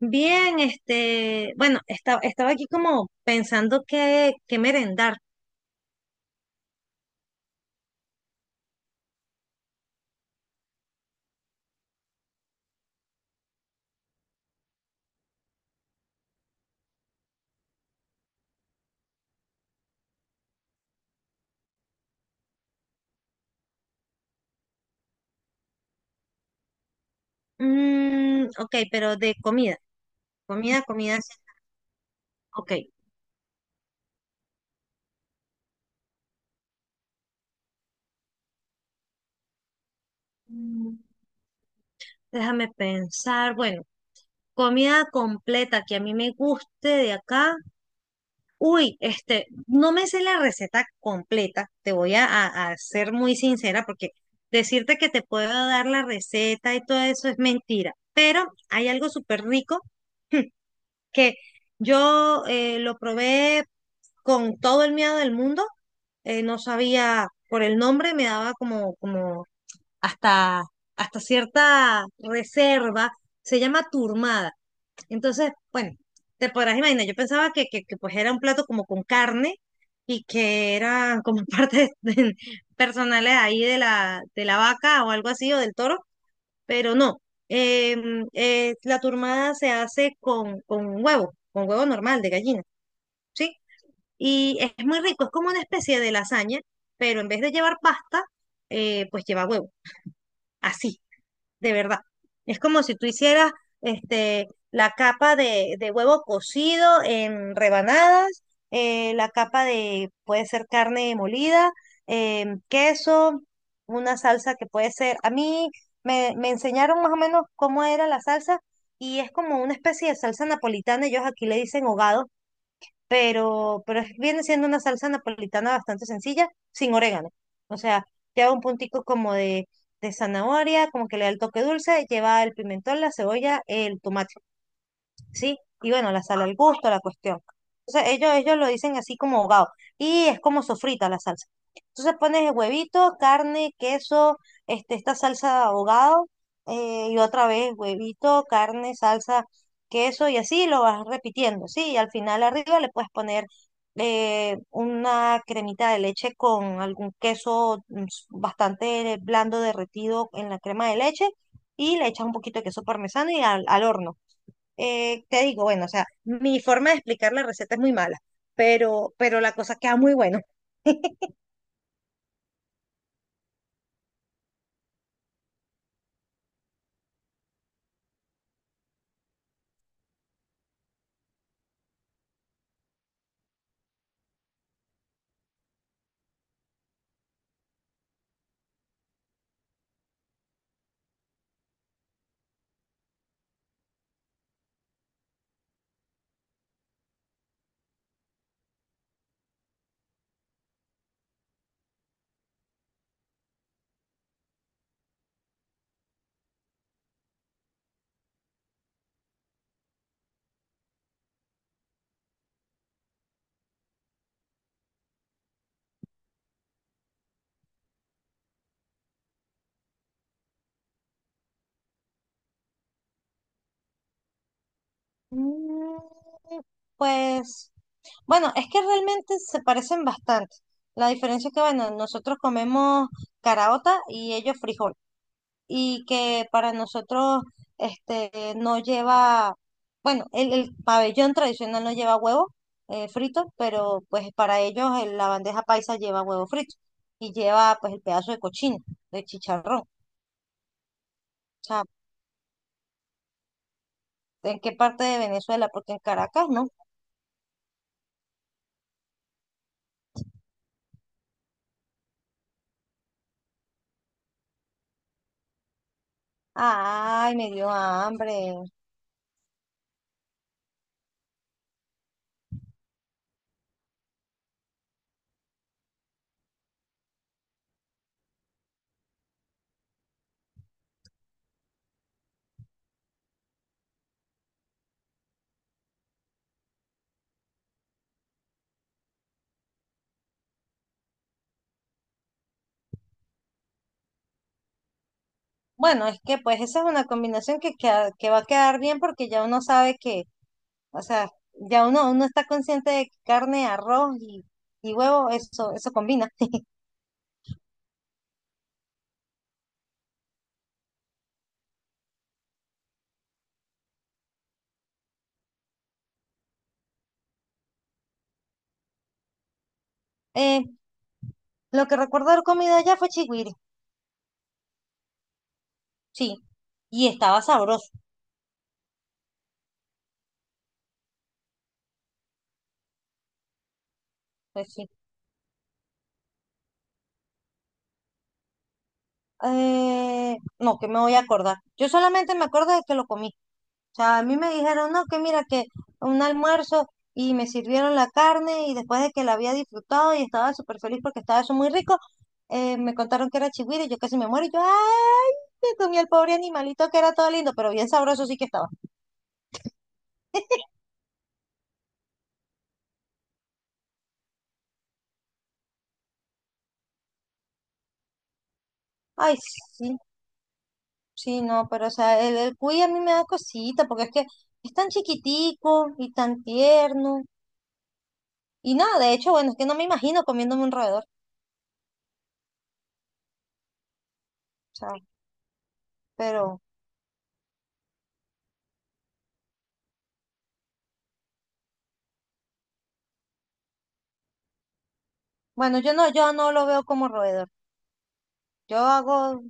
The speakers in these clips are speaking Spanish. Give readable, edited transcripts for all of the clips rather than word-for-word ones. Bien, bueno, estaba aquí como pensando qué merendar. Ok, pero de comida, sí. Ok. Mm, Déjame pensar, bueno, comida completa que a mí me guste de acá. Uy, no me sé la receta completa, te voy a ser muy sincera porque decirte que te puedo dar la receta y todo eso es mentira, pero hay algo súper rico que yo lo probé con todo el miedo del mundo. No sabía por el nombre, me daba como hasta, hasta cierta reserva. Se llama turmada. Entonces, bueno, te podrás imaginar, yo pensaba que, pues era un plato como con carne y que eran como partes de- personales ahí de de la vaca o algo así o del toro, pero no. La turmada se hace con huevo normal de gallina. ¿Sí? Y es muy rico, es como una especie de lasaña, pero en vez de llevar pasta, pues lleva huevo. Así, de verdad. Es como si tú hicieras la capa de huevo cocido en rebanadas, la capa de, puede ser carne molida, queso, una salsa que puede ser, a mí me enseñaron más o menos cómo era la salsa y es como una especie de salsa napolitana, ellos aquí le dicen hogado, pero es- viene siendo una salsa napolitana bastante sencilla, sin orégano. O sea, lleva un puntico como de zanahoria, como que le da el toque dulce, lleva el pimentón, la cebolla, el tomate. ¿Sí? Y bueno, la sal al gusto, la cuestión. Entonces ellos lo dicen así como ahogado. Y es como sofrita la salsa. Entonces pones el huevito, carne, queso, esta salsa ahogado, y otra vez huevito, carne, salsa, queso, y así lo vas repitiendo, ¿sí? Y al final arriba le puedes poner una cremita de leche con algún queso bastante blando derretido en la crema de leche, y le echas un poquito de queso parmesano y al horno. Te digo, bueno, o sea, mi forma de explicar la receta es muy mala, pero la cosa queda muy bueno. Mm, Pues, bueno, es que realmente se parecen bastante. La diferencia es que, bueno, nosotros comemos caraota y ellos frijol. Y que para nosotros, este, no lleva, bueno, el pabellón tradicional no lleva huevo frito, pero pues para ellos la bandeja paisa lleva huevo frito y lleva pues el pedazo de cochino, de chicharrón. O sea, ¿en qué parte de Venezuela? Porque en Caracas, ¿no? Ay, me dio hambre. Bueno, es que pues esa es una combinación que va a quedar bien porque ya uno sabe que, o sea, uno está consciente de que carne, arroz y huevo, eso combina. Eh, lo que recuerdo de comida allá fue chigüire. Sí. Y estaba sabroso, pues sí. No, que me voy a acordar. Yo solamente me acuerdo de que lo comí. O sea, a mí me dijeron, no, que mira, que un almuerzo y me sirvieron la carne y después de que la había disfrutado y estaba súper feliz porque estaba eso muy rico, me contaron que era chigüiro y yo casi me muero y yo, ay, me comí el pobre animalito que era todo lindo, pero bien sabroso sí que estaba. Ay, sí, sí, no, pero o sea, el cuy a mí me da cosita, porque es que es tan chiquitico y tan tierno. Y nada, de hecho, bueno, es que no me imagino comiéndome un roedor, o sea, pero bueno, yo no lo veo como roedor. Yo hago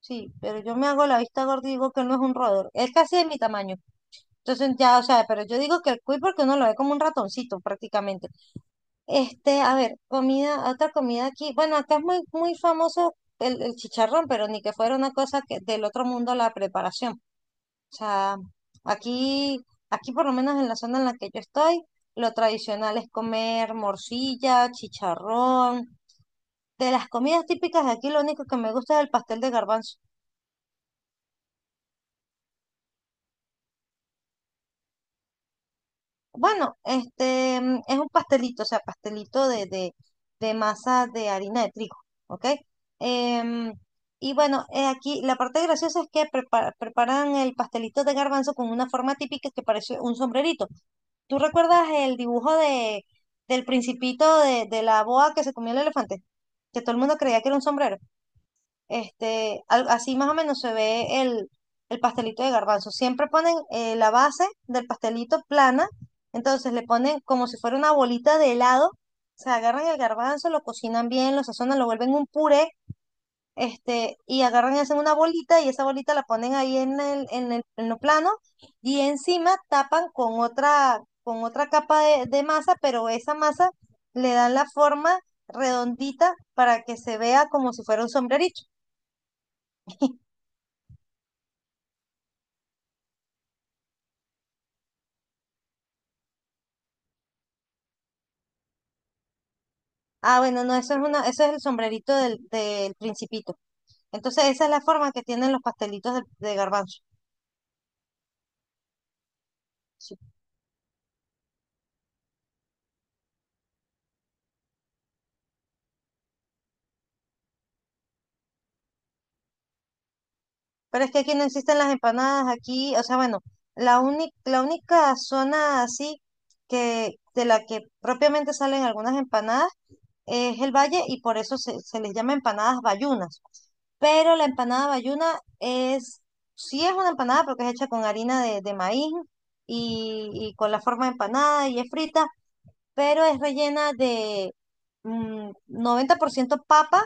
sí, pero yo me hago la vista gorda y digo que él no es un roedor. Él casi de mi tamaño. Entonces ya, o sea, pero yo digo que el cuy porque uno lo ve como un ratoncito prácticamente. Este, a ver, comida, otra comida aquí. Bueno, acá es muy, muy famoso el chicharrón, pero ni que fuera una cosa que del otro mundo la preparación. O sea, aquí, aquí por lo menos en la zona en la que yo estoy, lo tradicional es comer morcilla, chicharrón. De las comidas típicas de aquí, lo único que me gusta es el pastel de garbanzo. Bueno, es un pastelito, o sea, pastelito de masa de harina de trigo, ¿ok? Em, y bueno, aquí la parte graciosa es que preparan el pastelito de garbanzo con una forma típica que parece un sombrerito. ¿Tú recuerdas el dibujo de, del principito de la boa que se comió el elefante? Que todo el mundo creía que era un sombrero. Este, al- así más o menos se ve el pastelito de garbanzo. Siempre ponen la base del pastelito plana, entonces le ponen como si fuera una bolita de helado, se agarran el garbanzo, lo cocinan bien, lo sazonan, lo vuelven un puré, este, y agarran y hacen una bolita y esa bolita la ponen ahí en lo plano y encima tapan con otra capa de masa, pero esa masa le dan la forma redondita para que se vea como si fuera un sombrerito. Ah, bueno, no, eso es una, ese es el sombrerito del principito. Entonces, esa es la forma que tienen los pastelitos de garbanzo. Sí. Pero es que aquí no existen las empanadas, aquí, o sea, bueno, la única zona así que, de la que propiamente salen algunas empanadas es el valle y por eso se les llama empanadas bayunas. Pero la empanada bayuna es, sí es una empanada porque es hecha con harina de maíz y con la forma de empanada y es frita pero es rellena de mm, 90% papa,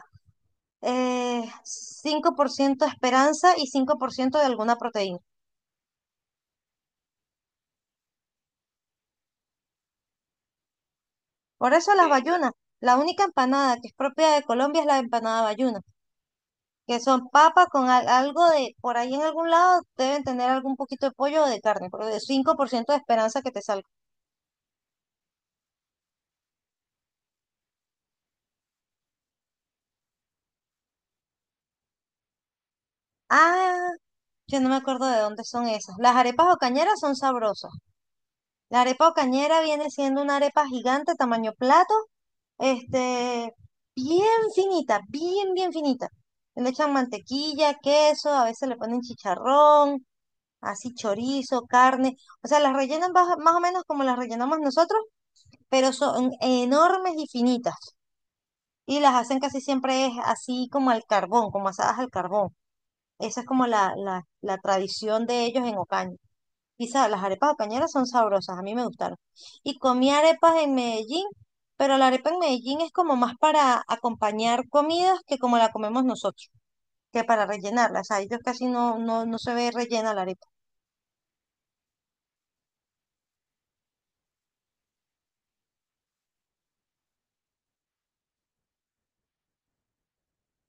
5% esperanza y 5% de alguna proteína. Por eso las sí bayunas, la única empanada que es propia de Colombia es la empanada bayuna, que son papas con al- algo de, por ahí en algún lado deben tener algún poquito de pollo o de carne, pero de 5% de esperanza que te salga. Ah, yo no me acuerdo de dónde son esas. Las arepas ocañeras son sabrosas. La arepa ocañera viene siendo una arepa gigante tamaño plato, este, bien finita, bien finita. Le echan mantequilla, queso, a veces le ponen chicharrón, así chorizo, carne. O sea, las rellenan baja- más o menos como las rellenamos nosotros, pero son enormes y finitas. Y las hacen casi siempre es así como al carbón, como asadas al carbón. Esa es como la tradición de ellos en Ocaña. Y sa- las arepas de cañera son sabrosas, a mí me gustaron. Y comí arepas en Medellín, pero la arepa en Medellín es como más para acompañar comidas que como la comemos nosotros, que para rellenarla. O sea, ellos casi no se ve rellena la arepa.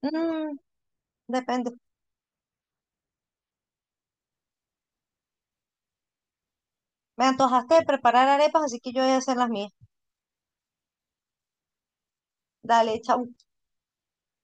Mm, depende. Me antojaste de preparar arepas, así que yo voy a hacer las mías. Dale, chau.